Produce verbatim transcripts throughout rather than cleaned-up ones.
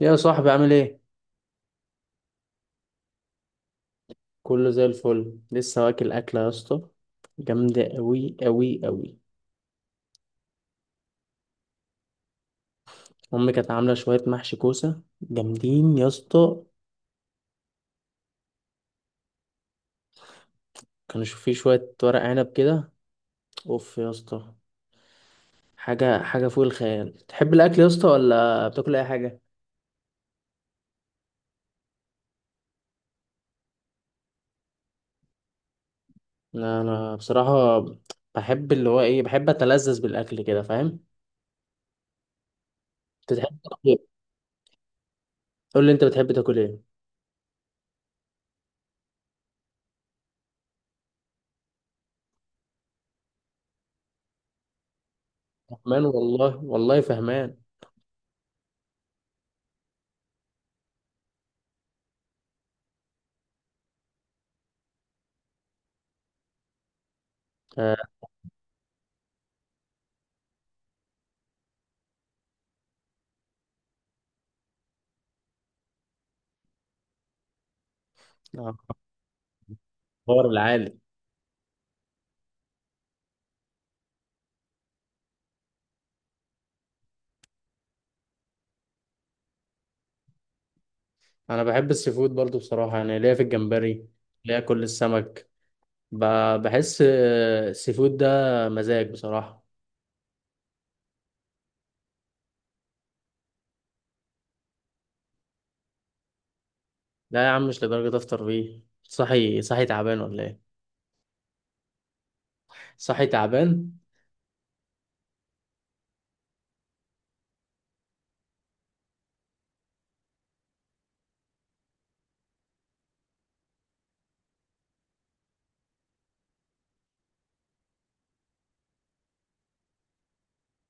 يا صاحبي، عامل ايه؟ كله زي الفل. لسه واكل اكله يا اسطى. جامده قوي قوي قوي. امي كانت عامله شويه محشي كوسه جامدين يا اسطى. كانوا شو- في شويه ورق عنب كده. اوف يا اسطى. حاجه حاجه فوق الخيال. تحب الاكل يا اسطى، ولا بتاكل اي حاجه؟ انا انا بصراحه بحب اللي هو ايه، بحب اتلذذ بالاكل كده، فاهم. انت بتحب تاكل ايه؟ قول لي، انت بتحب تاكل ايه؟ فهمان والله، والله فهمان. آه، آه، حوار العالي. انا بحب السي فود برضو بصراحه، يعني ليا في الجمبري، ليا كل السمك. ب- بحس آه، السي فود ده مزاج بصراحه. لا يا عم، مش لدرجه افطر بيه. صحي صحي تعبان ولا ايه؟ صحي تعبان.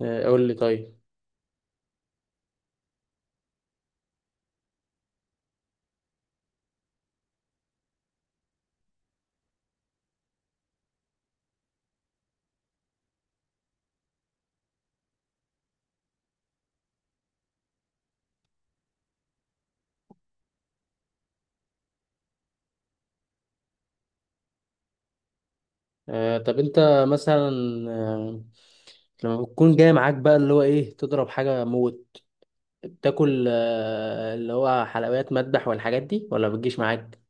آه، قول لي طيب. آه، طب انت مثلا، آه، لما بتكون جاي معاك بقى اللي هو ايه تضرب حاجه موت. بتاكل آه، اللي هو حلويات مذبح والحاجات دي، ولا بتجيش معاك؟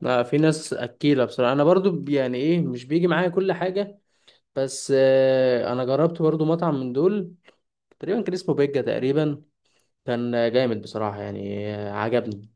لا، في ناس اكيله بصراحه. انا برضو ب- يعني ايه، مش بيجي معايا كل حاجه. بس آه، انا جربت برضو مطعم من دول، تقريبا كان اسمه بيجا. تقريبا كان آه، جامد بصراحة، يعني آه، عجبني.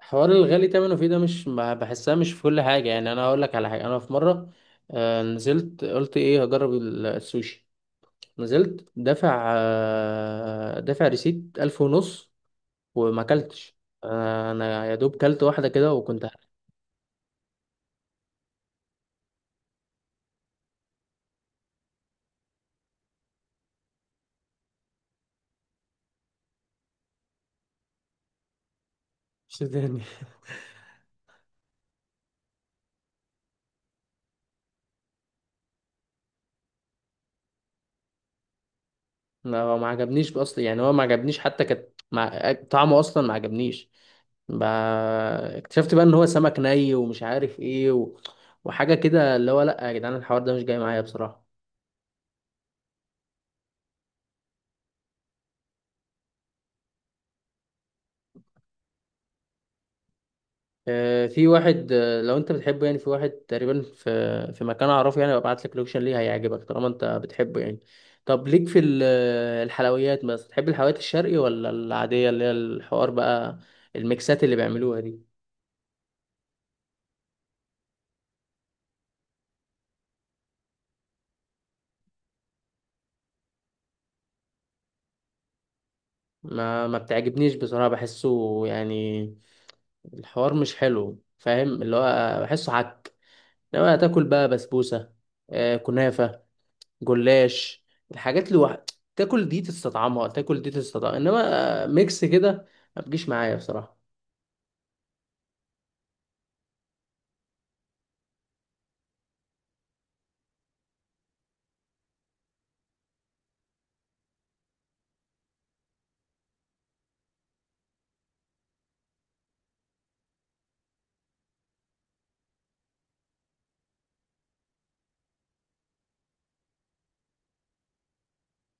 حوار الغالي تمنه فيه ده مش ما- بحسها مش في كل حاجة. يعني انا هقول لك على حاجة، انا في مرة آه، نزلت، قلت ايه، هجرب ال- السوشي. نزلت دافع آه، دافع ريسيت ألف ونص وما كلتش. آه، انا يا دوب كلت واحدة كده وكنت هرش تاني. ما هو ما عجبنيش اصلا، يعني هو ما عجبنيش حتى. كانت مع... طعمه اصلا ما عجبنيش. ب... اكتشفت بقى ان هو سمك ني ومش عارف ايه و... وحاجه كده. اللي هو لا يا جدعان، الحوار ده مش جاي معايا بصراحه. آه، في واحد، آه، لو انت بتحبه يعني، في واحد تقريبا في في مكان اعرفه، يعني ببعت لك لوكيشن ليه، هيعجبك طالما انت بتحبه يعني. طب ليك في ال- الحلويات؟ بس تحب الحلويات الشرقي ولا العاديه، اللي هي الحوار بقى، الميكسات اللي بيعملوها دي. ما ما بتعجبنيش بصراحة، بحسه يعني الحوار مش حلو، فاهم، اللي هو بحسه حك. انما تاكل بقى بسبوسه، آه كنافه، جلاش، الحاجات اللي وح... تاكل دي تستطعمها، تاكل دي تستطعمها. انما ميكس كده ما بتجيش معايا بصراحه.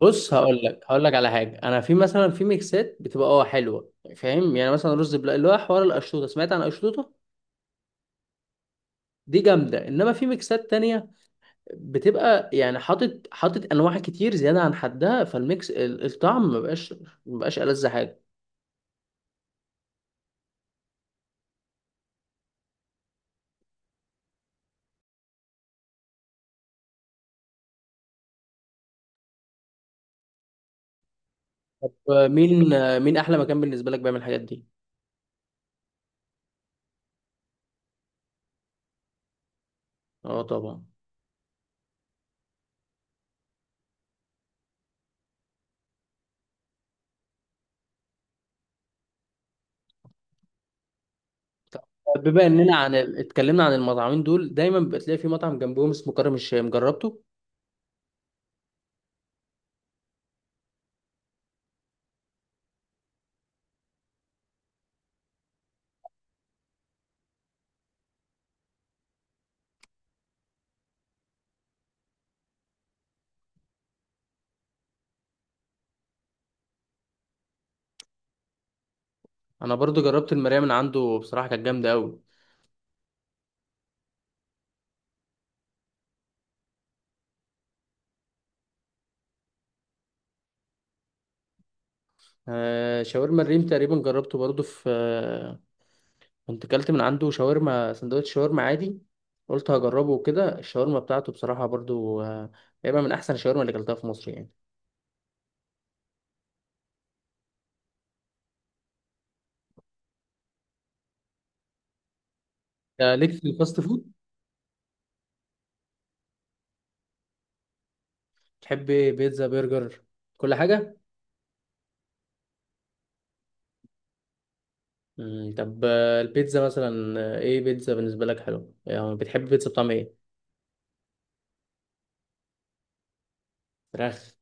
بص، هقول لك هقول لك على حاجه. انا في مثلا في ميكسات بتبقى اه حلوه، فاهم، يعني مثلا رز بلا، اللي هو حوار القشطوطه. سمعت عن القشطوطه؟ دي جامده. انما في ميكسات تانية بتبقى يعني حاطط حاطط انواع كتير زياده عن حدها، فالميكس ال- الطعم مبقاش مبقاش ألذ حاجه. مين؟ مين احلى مكان بالنسبه لك بيعمل الحاجات دي؟ اه طبعا. طب بما اننا عن ال- اتكلمنا عن المطعمين دول، دايما بتلاقي في مطعم جنبهم اسمه كرم الشام، جربته؟ انا برضو جربت المرايه من عنده، بصراحه كانت جامده قوي. آه شاورما الريم تقريبا جربته برضو في آه كنت كلت من عنده شاورما، سندوتش شاورما عادي. قلت هجربه وكده، الشاورما بتاعته بصراحه برضو آه تقريبا من احسن الشاورما اللي كلتها في مصر يعني. آه ليك في الفاست فود. تحب بيتزا، برجر، كل حاجه. مم، طب آه، البيتزا مثلا، آه، ايه بيتزا بالنسبة لك حلو، يعني بتحب بيتزا بطعم ايه؟ فراخ.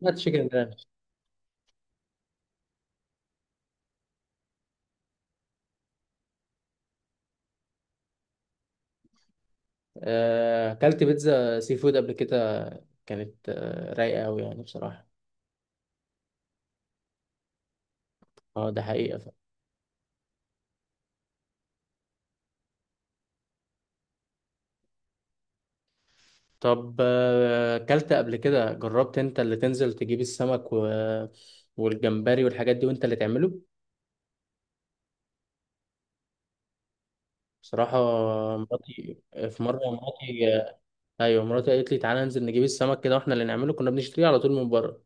ما تشيكن فراخ. آه، اكلت بيتزا سي فود قبل كده، كانت آه، رايقة قوي يعني بصراحة. اه ده حقيقة. ف... طب آه، اكلت قبل كده، جربت انت اللي تنزل تجيب السمك و... والجمبري والحاجات دي وانت اللي تعمله؟ بصراحة مراتي، في مرة مراتي، آه، ايوه مراتي قالت لي تعالى ننزل نجيب السمك كده واحنا اللي نعمله. كنا بنشتريه على طول من بره،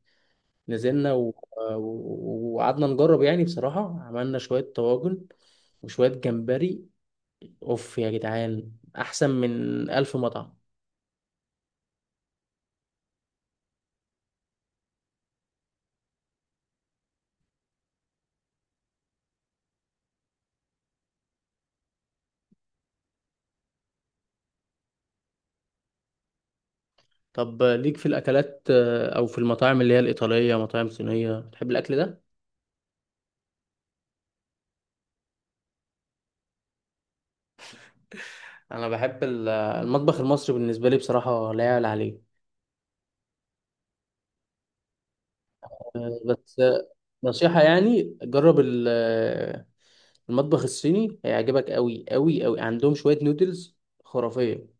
نزلنا و- و- وقعدنا نجرب. يعني بصراحة عملنا شوية طواجن وشوية جمبري. اوف يا جدعان، احسن من ألف مطعم. طب ليك في الأكلات، آه، أو في المطاعم اللي هي الإيطالية، مطاعم صينية، بتحب الأكل ده؟ أنا بحب ال- المطبخ المصري. بالنسبة لي بصراحة لا يعلى عليه. آه، بس آه، نصيحة يعني، جرب ال- آه، المطبخ الصيني هيعجبك أوي أوي أوي. عندهم شوية نودلز خرافية.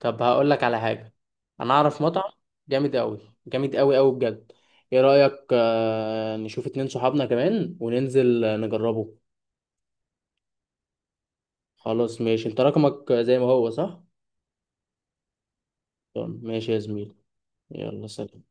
طب هقول لك على حاجة، انا اعرف مطعم جامد قوي، جامد قوي قوي بجد. ايه رأيك آه، نشوف اتنين صحابنا كمان وننزل آه، نجربه؟ خلاص ماشي. انت رقمك زي ما هو صح؟ طب ماشي يا زميلي، يلا، سلام.